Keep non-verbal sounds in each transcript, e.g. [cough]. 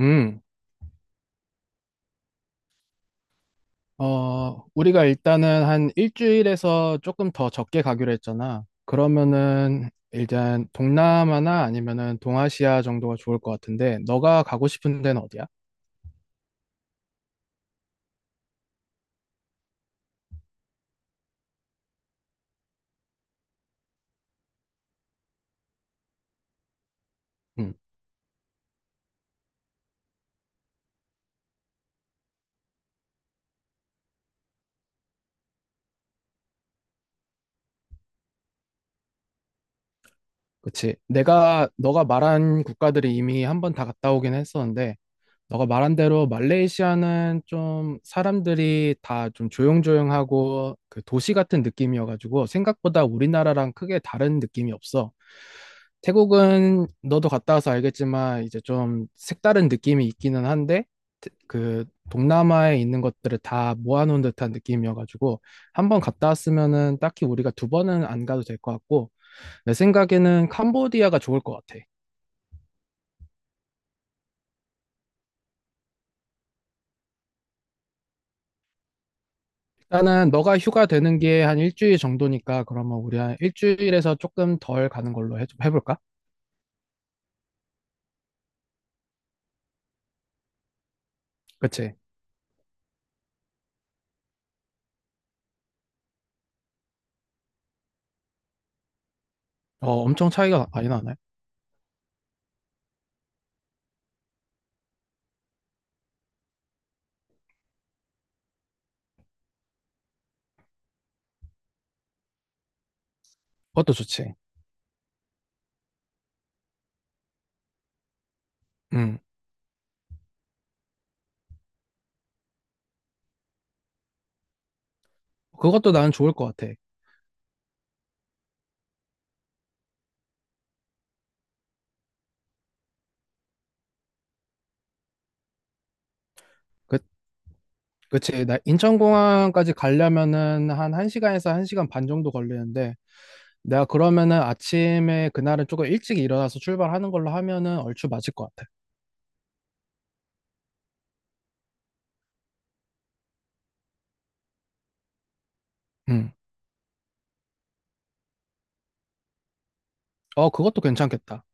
음, 우리가 일단은 한 일주일에서 조금 더 적게 가기로 했잖아. 그러면은 일단 동남아나 아니면은 동아시아 정도가 좋을 것 같은데, 너가 가고 싶은 데는 어디야? 음, 그치. 너가 말한 국가들이 이미 한 번 다 갔다 오긴 했었는데, 너가 말한 대로 말레이시아는 좀 사람들이 다 좀 조용조용하고 그 도시 같은 느낌이어가지고 생각보다 우리나라랑 크게 다른 느낌이 없어. 태국은 너도 갔다 와서 알겠지만 이제 좀 색다른 느낌이 있기는 한데 태- 그 동남아에 있는 것들을 다 모아놓은 듯한 느낌이어가지고 한번 갔다 왔으면은 딱히 우리가 두 번은 안 가도 될 것 같고 내 생각에는 캄보디아가 좋을 것 같아. 나는 너가 휴가 되는 게 한 일주일 정도니까 그러면 우리 한 일주일에서 조금 덜 가는 걸로 볼까? 그치? 엄청 차이가 많이 나네. 그것도 좋지. 음 그것도 나는 좋을 것 같아. 그, 그치? 나 인천공항까지 가려면은 한 1시간에서 1시간 반 정도 걸리는데 내가 그러면은 아침에 그날은 조금 일찍 일어나서 출발하는 걸로 하면은 얼추 맞을 것 같아. 음. 그것도 괜찮겠다.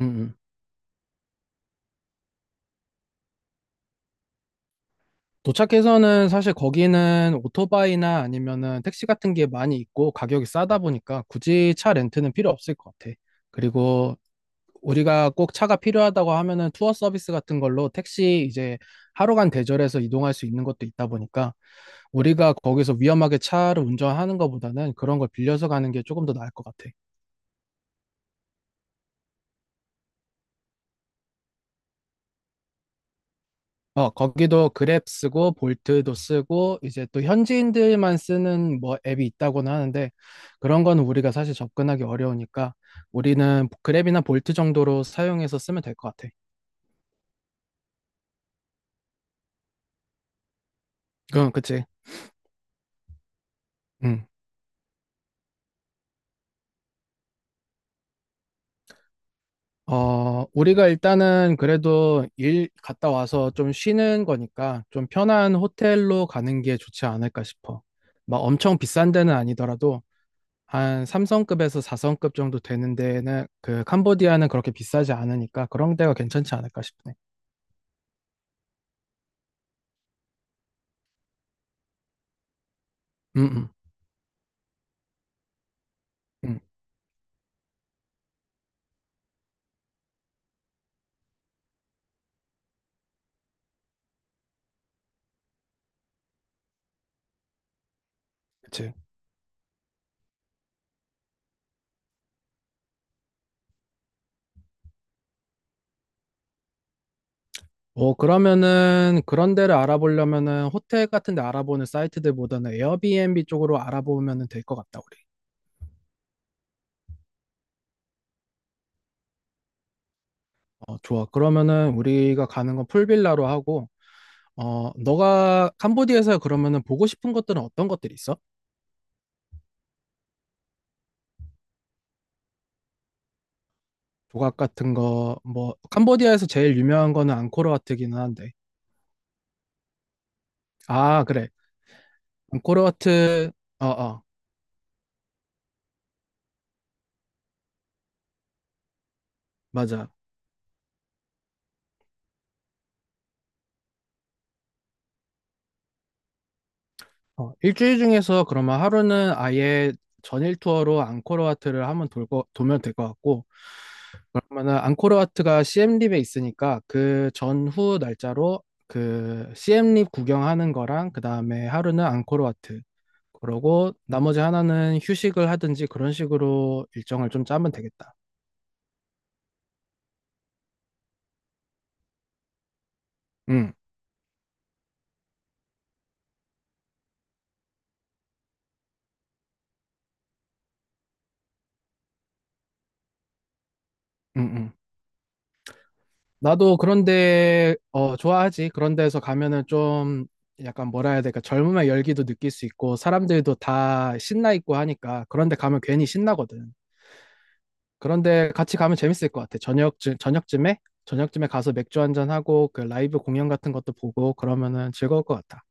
음. 음. 도착해서는 사실 거기는 오토바이나 아니면은 택시 같은 게 많이 있고 가격이 싸다 보니까 굳이 차 렌트는 필요 없을 것 같아. 그리고 우리가 꼭 차가 필요하다고 하면은 투어 서비스 같은 걸로 택시 이제 하루간 대절해서 이동할 수 있는 것도 있다 보니까 우리가 거기서 위험하게 차를 운전하는 것보다는 그런 걸 빌려서 가는 게 조금 더 나을 것 같아. 거기도 그랩 쓰고 볼트도 쓰고 이제 또 현지인들만 쓰는 뭐 앱이 있다고는 하는데 그런 거는 우리가 사실 접근하기 어려우니까 우리는 그랩이나 볼트 정도로 사용해서 쓰면 될 것 같아. 그럼 그치. 음. 우리가 일단은 그래도 일 갔다 와서 좀 쉬는 거니까 좀 편한 호텔로 가는 게 좋지 않을까 싶어. 막 엄청 비싼 데는 아니더라도 한 3성급에서 4성급 정도 되는 데는 그 캄보디아는 그렇게 비싸지 않으니까 그런 데가 괜찮지 않을까 싶네. 음, 음, 음, 그치. 그러면은 그런 데를 알아보려면은 호텔 같은 데 알아보는 사이트들보다는 에어비앤비 쪽으로 알아보면은 될 것 같다, 우리. 좋아. 그러면은 우리가 가는 건 풀빌라로 하고, 너가 캄보디아에서 그러면은 보고 싶은 것들은 어떤 것들이 있어? 조각 같은 거, 뭐, 캄보디아에서 제일 유명한 거는 앙코르와트긴 한데. 아, 그래. 앙코르 와트, 어, 어, 맞아. 일주일 중에서 그러면 하루는 아예 전일 투어로 앙코르 와트를 한번 돌고, 돌면 될 것 같고, 그러면은 앙코르 와트가 c 엠립에 있으니까 그 전후 날짜로 그 시엠립 구경하는 거랑 그 다음에 하루는 앙코르 와트. 그러고 나머지 하나는 휴식을 하든지 그런 식으로 일정을 좀 짜면 되겠다. 응, 응, 응. 나도 그런데 좋아하지. 그런 데서 가면은 좀 약간 뭐라 해야 될까? 젊음의 열기도 느낄 수 있고 사람들도 다 신나 있고 하니까 그런데 가면 괜히 신나거든. 그런데 같이 가면 재밌을 것 같아. 저녁쯤에 가서 맥주 한잔 하고 그 라이브 공연 같은 것도 보고 그러면은 즐거울 것 같아.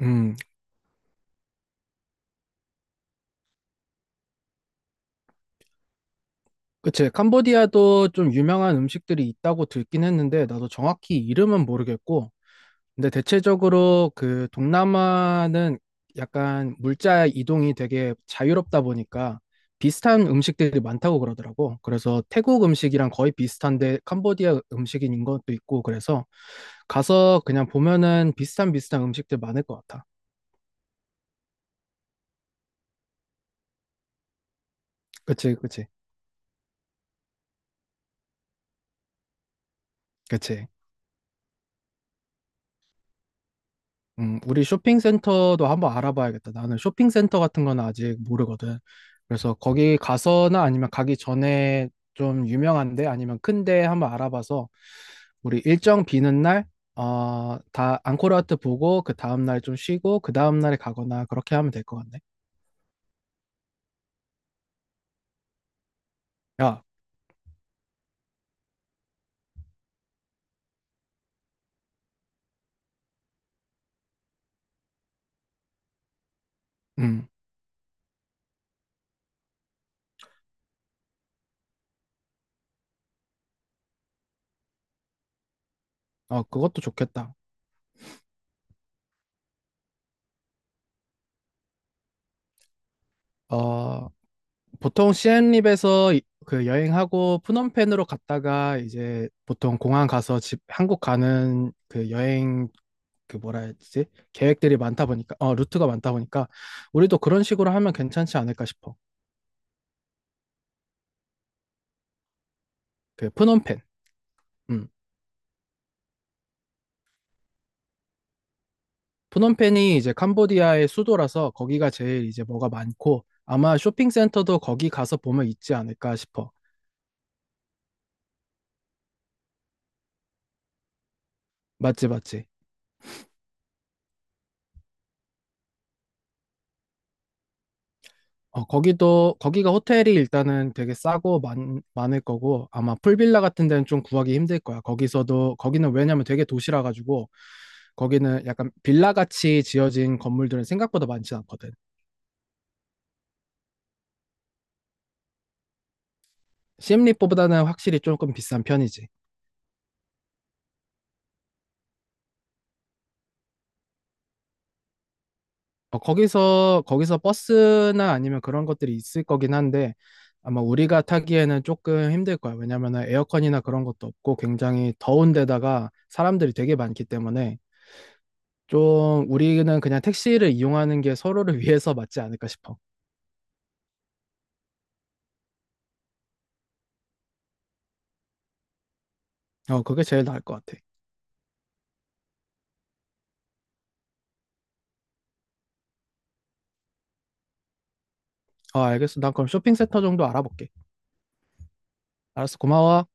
음, 그치. 캄보디아도 좀 유명한 음식들이 있다고 듣긴 했는데, 나도 정확히 이름은 모르겠고, 근데 대체적으로 그 동남아는 약간 물자 이동이 되게 자유롭다 보니까 비슷한 음식들이 많다고 그러더라고. 그래서 태국 음식이랑 거의 비슷한데 캄보디아 음식인 것도 있고, 그래서 가서 그냥 보면은 비슷한 음식들 많을 것 같아. 그치, 그치, 그치. 우리 쇼핑센터도 한번 알아봐야겠다. 나는 쇼핑센터 같은 건 아직 모르거든. 그래서 거기 가서나 아니면 가기 전에 좀 유명한데 아니면 큰데 한번 알아봐서 우리 일정 비는 날, 다 앙코르와트 보고 그 다음 날 좀 쉬고 그 다음 날에 가거나 그렇게 하면 될 것 같네. 야, 음, 그것도 좋겠다. 어, 보통 시엠립에서 여행하고 푸놈펜으로 갔다가 이제 보통 공항 가서 집 한국 가는 그 여행 그 뭐라 해야 되지? 계획들이 많다 보니까 루트가 많다 보니까 우리도 그런 식으로 하면 괜찮지 않을까 싶어. 그 프놈펜. 음. 프놈펜이 이제 캄보디아의 수도라서 거기가 제일 이제 뭐가 많고 아마 쇼핑센터도 거기 가서 보면 있지 않을까 싶어. 맞지, 맞지. 거기도 거기가 호텔이 일단은 되게 싸고 많을 거고 아마 풀빌라 같은 데는 좀 구하기 힘들 거야. 거기서도 거기는 왜냐면 되게 도시라 가지고 거기는 약간 빌라 같이 지어진 건물들은 생각보다 많지 않거든. 시엠리보다는 확실히 조금 비싼 편이지. 거기서 버스나 아니면 그런 것들이 있을 거긴 한데 아마 우리가 타기에는 조금 힘들 거야. 왜냐면은 에어컨이나 그런 것도 없고 굉장히 더운 데다가 사람들이 되게 많기 때문에 좀 우리는 그냥 택시를 이용하는 게 서로를 [laughs] 위해서 맞지 않을까 싶어. 그게 제일 나을 것 같아. 알겠어. 난 그럼 쇼핑센터 정도 알아볼게. 알았어. 고마워.